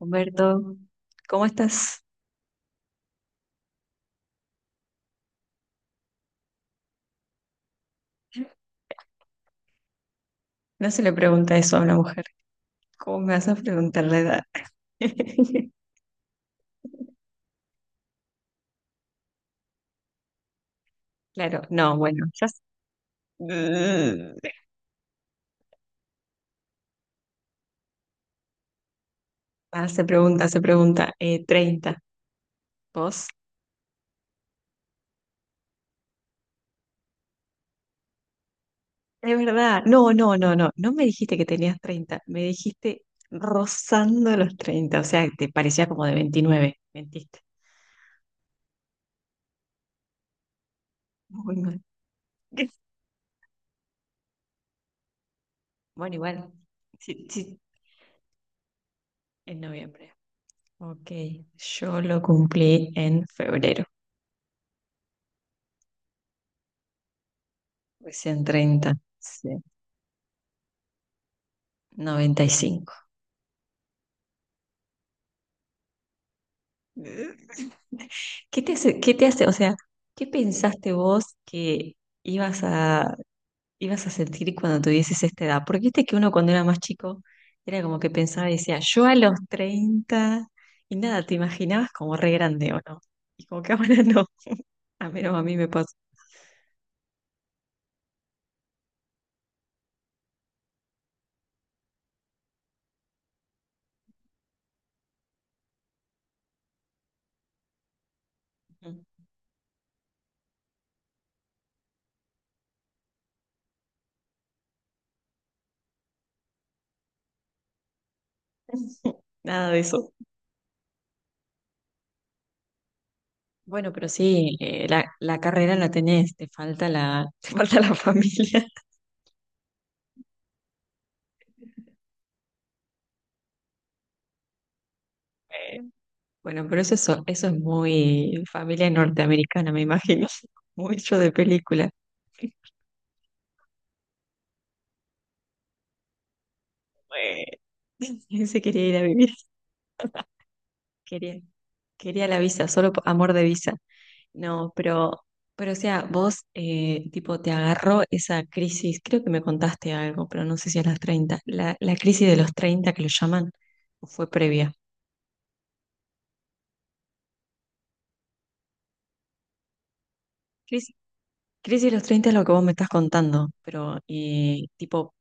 Humberto, ¿cómo estás? No se le pregunta eso a una mujer. ¿Cómo me vas a preguntar la edad? Claro, no, bueno, ya. s- Ah, se pregunta, se pregunta. 30. ¿Vos? Es verdad. No, no, no, no. No me dijiste que tenías 30. Me dijiste rozando los 30. O sea, te parecía como de veintinueve. Mentiste. Muy mal. Bueno, igual. Sí, sí, en noviembre. Ok, yo lo cumplí en febrero. Recién 30, sí, 95. ¿Qué te hace, o sea, qué pensaste vos que ibas a, ibas a sentir cuando tuvieses esta edad? Porque viste que uno cuando era más chico era como que pensaba y decía, yo a los 30 y nada, te imaginabas como re grande o no. Y como que ahora no, a menos a mí me pasa. Nada de eso. Bueno, pero sí, la, la carrera la tenés, te falta la, te falta la familia. Bueno, pero eso es muy familia norteamericana, me imagino. Mucho de película. Bueno, se quería ir a vivir. Quería, quería la visa, solo por amor de visa. No, pero o sea, vos, tipo, te agarró esa crisis, creo que me contaste algo, pero no sé si a las 30 la, la crisis de los 30 que lo llaman, o fue previa. Crisis, crisis de los 30 es lo que vos me estás contando, pero, y, tipo,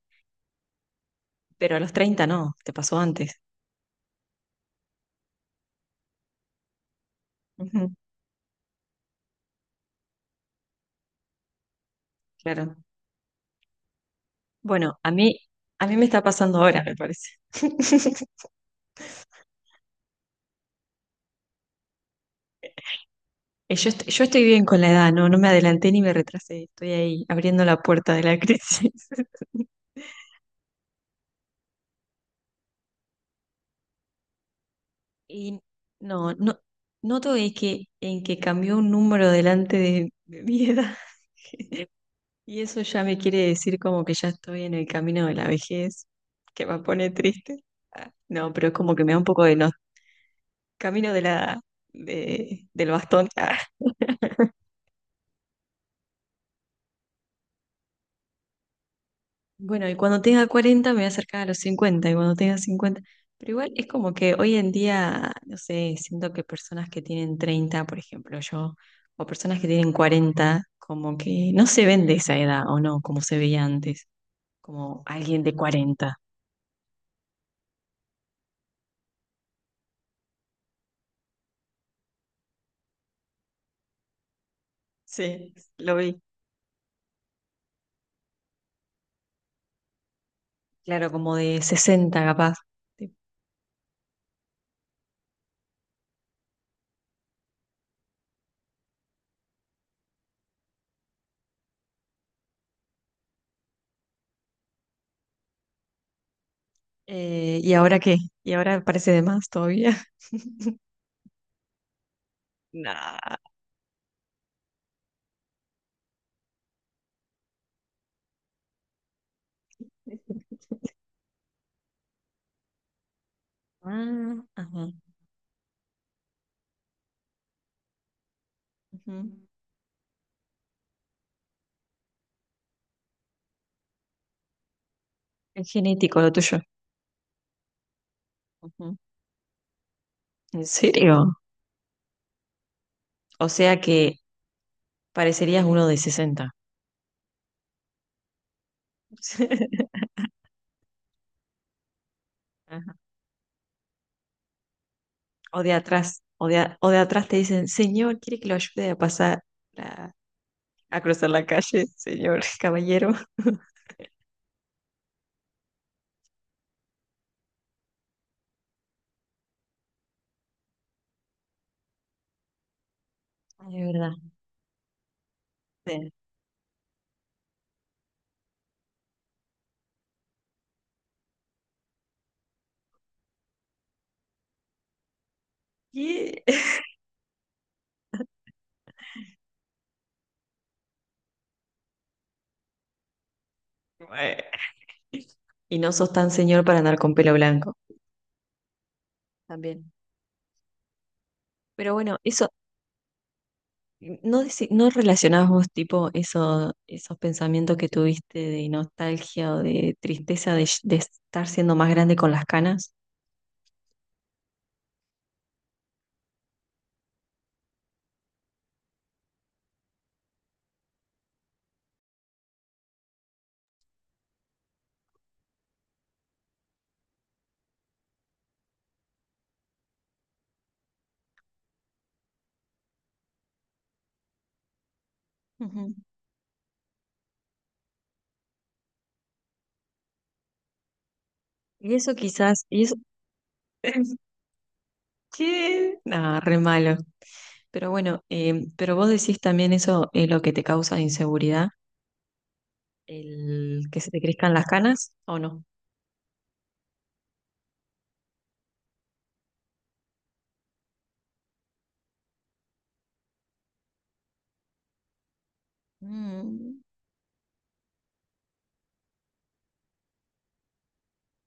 pero a los 30 no, te pasó antes. Claro. Bueno, a mí me está pasando ahora, me parece. Yo estoy bien con la edad, no, no me adelanté ni me retrasé, estoy ahí abriendo la puerta de la crisis. Y no, no, noto es que en que cambió un número delante de mi edad. Y eso ya me quiere decir como que ya estoy en el camino de la vejez, que me pone triste. Ah, no, pero es como que me da un poco de no, camino de la, de, del bastón. Bueno, y cuando tenga 40 me voy a acercar a los 50, y cuando tenga 50, pero igual es como que hoy en día, no sé, siento que personas que tienen 30, por ejemplo, yo, o personas que tienen 40, como que no se ven de esa edad, o no, como se veía antes, como alguien de 40. Sí, lo vi. Claro, como de 60 capaz. Sí. ¿Y ahora qué? ¿Y ahora parece de más todavía? No. Ah, ajá. Ujú. Es genético lo tuyo. Ujú. ¿En serio? O sea que parecerías uno de sesenta. Ajá. O de atrás, o de atrás te dicen, señor, ¿quiere que lo ayude a pasar, a, a cruzar la calle, señor, caballero? Ay, de verdad. Sí. Y bueno, y no sos tan señor para andar con pelo blanco también. Pero bueno, eso, ¿no, deci- no relacionás vos tipo eso, esos pensamientos que tuviste de nostalgia o de tristeza de estar siendo más grande con las canas? Ujú. Y eso quizás, y eso, ¿Qué? No, re malo. Pero bueno, pero vos decís también eso es lo que te causa inseguridad, el que se te crezcan las canas, ¿o no? Mm.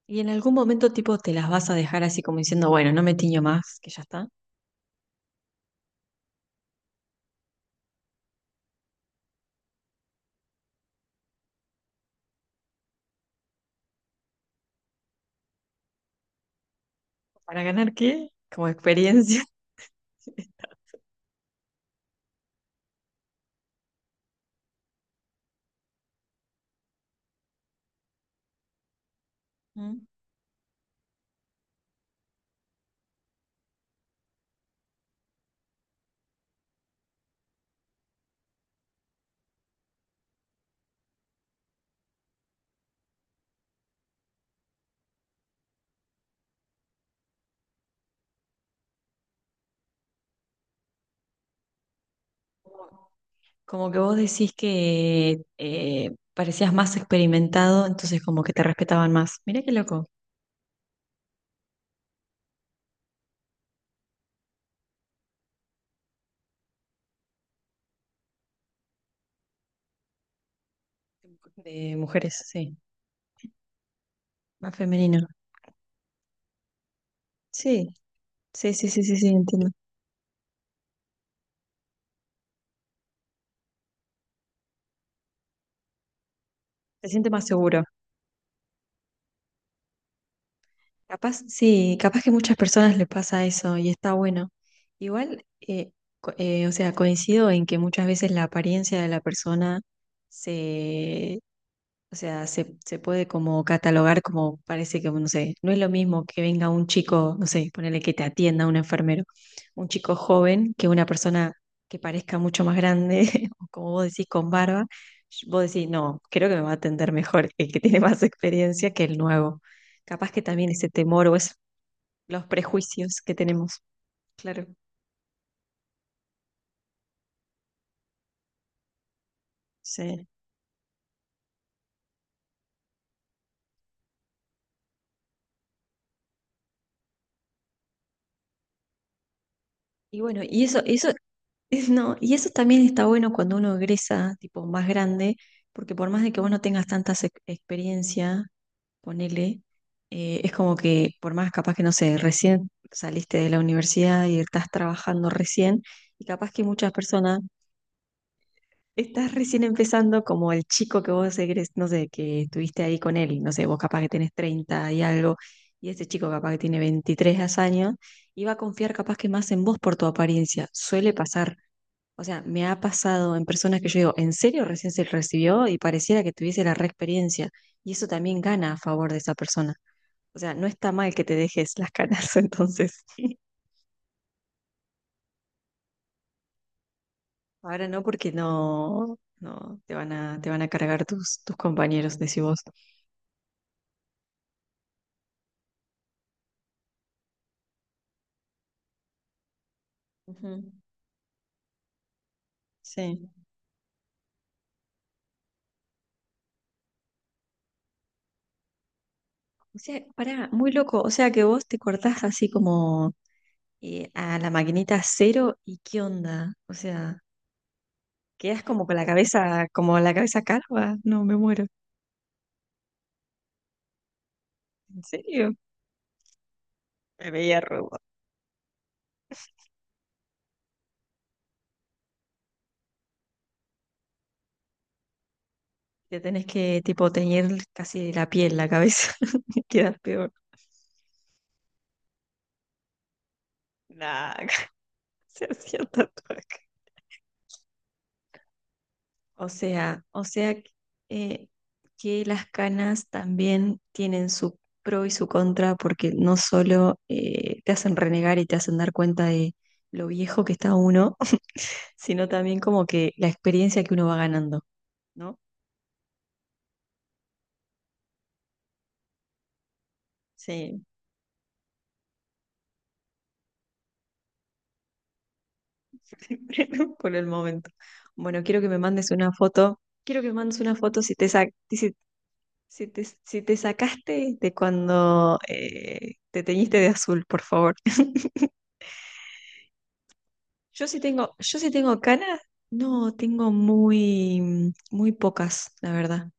Y en algún momento tipo te las vas a dejar así como diciendo, bueno, no me tiño más, que ya está. ¿Para ganar qué? Como experiencia. Mm. Como que vos decís que parecías más experimentado, entonces como que te respetaban más. Mirá qué loco. De mujeres, sí. Más femenino. Sí, sí, sí, sí, sí, sí, entiendo. Se siente más seguro. Capaz, sí, capaz que muchas personas les pasa eso y está bueno. Igual, o sea, coincido en que muchas veces la apariencia de la persona se, o sea, se puede como catalogar como parece que, bueno, no sé, no es lo mismo que venga un chico, no sé, ponele que te atienda un enfermero, un chico joven que una persona que parezca mucho más grande, o como vos decís, con barba. Vos decís, no, creo que me va a atender mejor el que tiene más experiencia que el nuevo. Capaz que también ese temor o es los prejuicios que tenemos. Claro, sí. Y bueno, y eso Es- No, y eso también está bueno cuando uno egresa, tipo más grande, porque por más de que vos no tengas tanta experiencia, ponele, es como que por más capaz que no sé, recién saliste de la universidad y estás trabajando recién, y capaz que muchas personas estás recién empezando como el chico que vos egres, no sé, que estuviste ahí con él, y no sé, vos capaz que tenés 30 y algo, y ese chico capaz que tiene 23 años, y va a confiar capaz que más en vos por tu apariencia, suele pasar. O sea, me ha pasado en personas que yo digo, ¿en serio recién se recibió? Y pareciera que tuviese la reexperiencia? Y eso también gana a favor de esa persona. O sea, no está mal que te dejes las canas, entonces. Ahora no, porque no, no te van a, te van a cargar tus, tus compañeros, decís vos. Ujú, sí. O sea, pará, muy loco. O sea que vos te cortás así como a la maquinita cero y qué onda. O sea, quedás como con la cabeza, como la cabeza calva. No, me muero. ¿En serio? Me veía robo. Te tenés que, tipo, teñir casi la piel, la cabeza. Quedas peor. Nah, se hacía tatuaje. O sea, o sea, eh, que las canas también tienen su pro y su contra, porque no solo te hacen renegar y te hacen dar cuenta de lo viejo que está uno, sino también como que la experiencia que uno va ganando, ¿no? Sí, ¿no? Por el momento. Bueno, quiero que me mandes una foto. Quiero que me mandes una foto si te, si te sacaste de cuando te teñiste de azul, por favor. Yo sí tengo canas. No, tengo muy, mm, muy pocas, la verdad.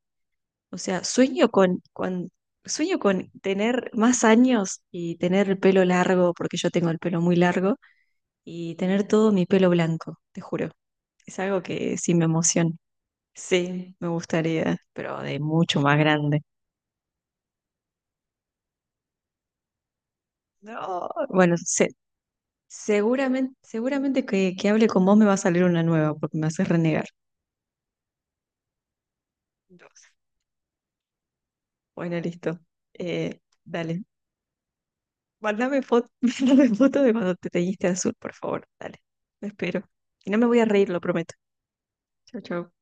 O sea, sueño con tener más años y tener el pelo largo, porque yo tengo el pelo muy largo, y tener todo mi pelo blanco, te juro. Es algo que sí me emociona. Sí, me gustaría, pero de mucho más grande. No, bueno, se- seguramente, seguramente que hable con vos me va a salir una nueva porque me haces renegar. No. Bueno, listo. Dale, mándame foto, mándame foto de cuando te teñiste azul, por favor. Dale, lo espero. Y no me voy a reír, lo prometo. Chau, chau.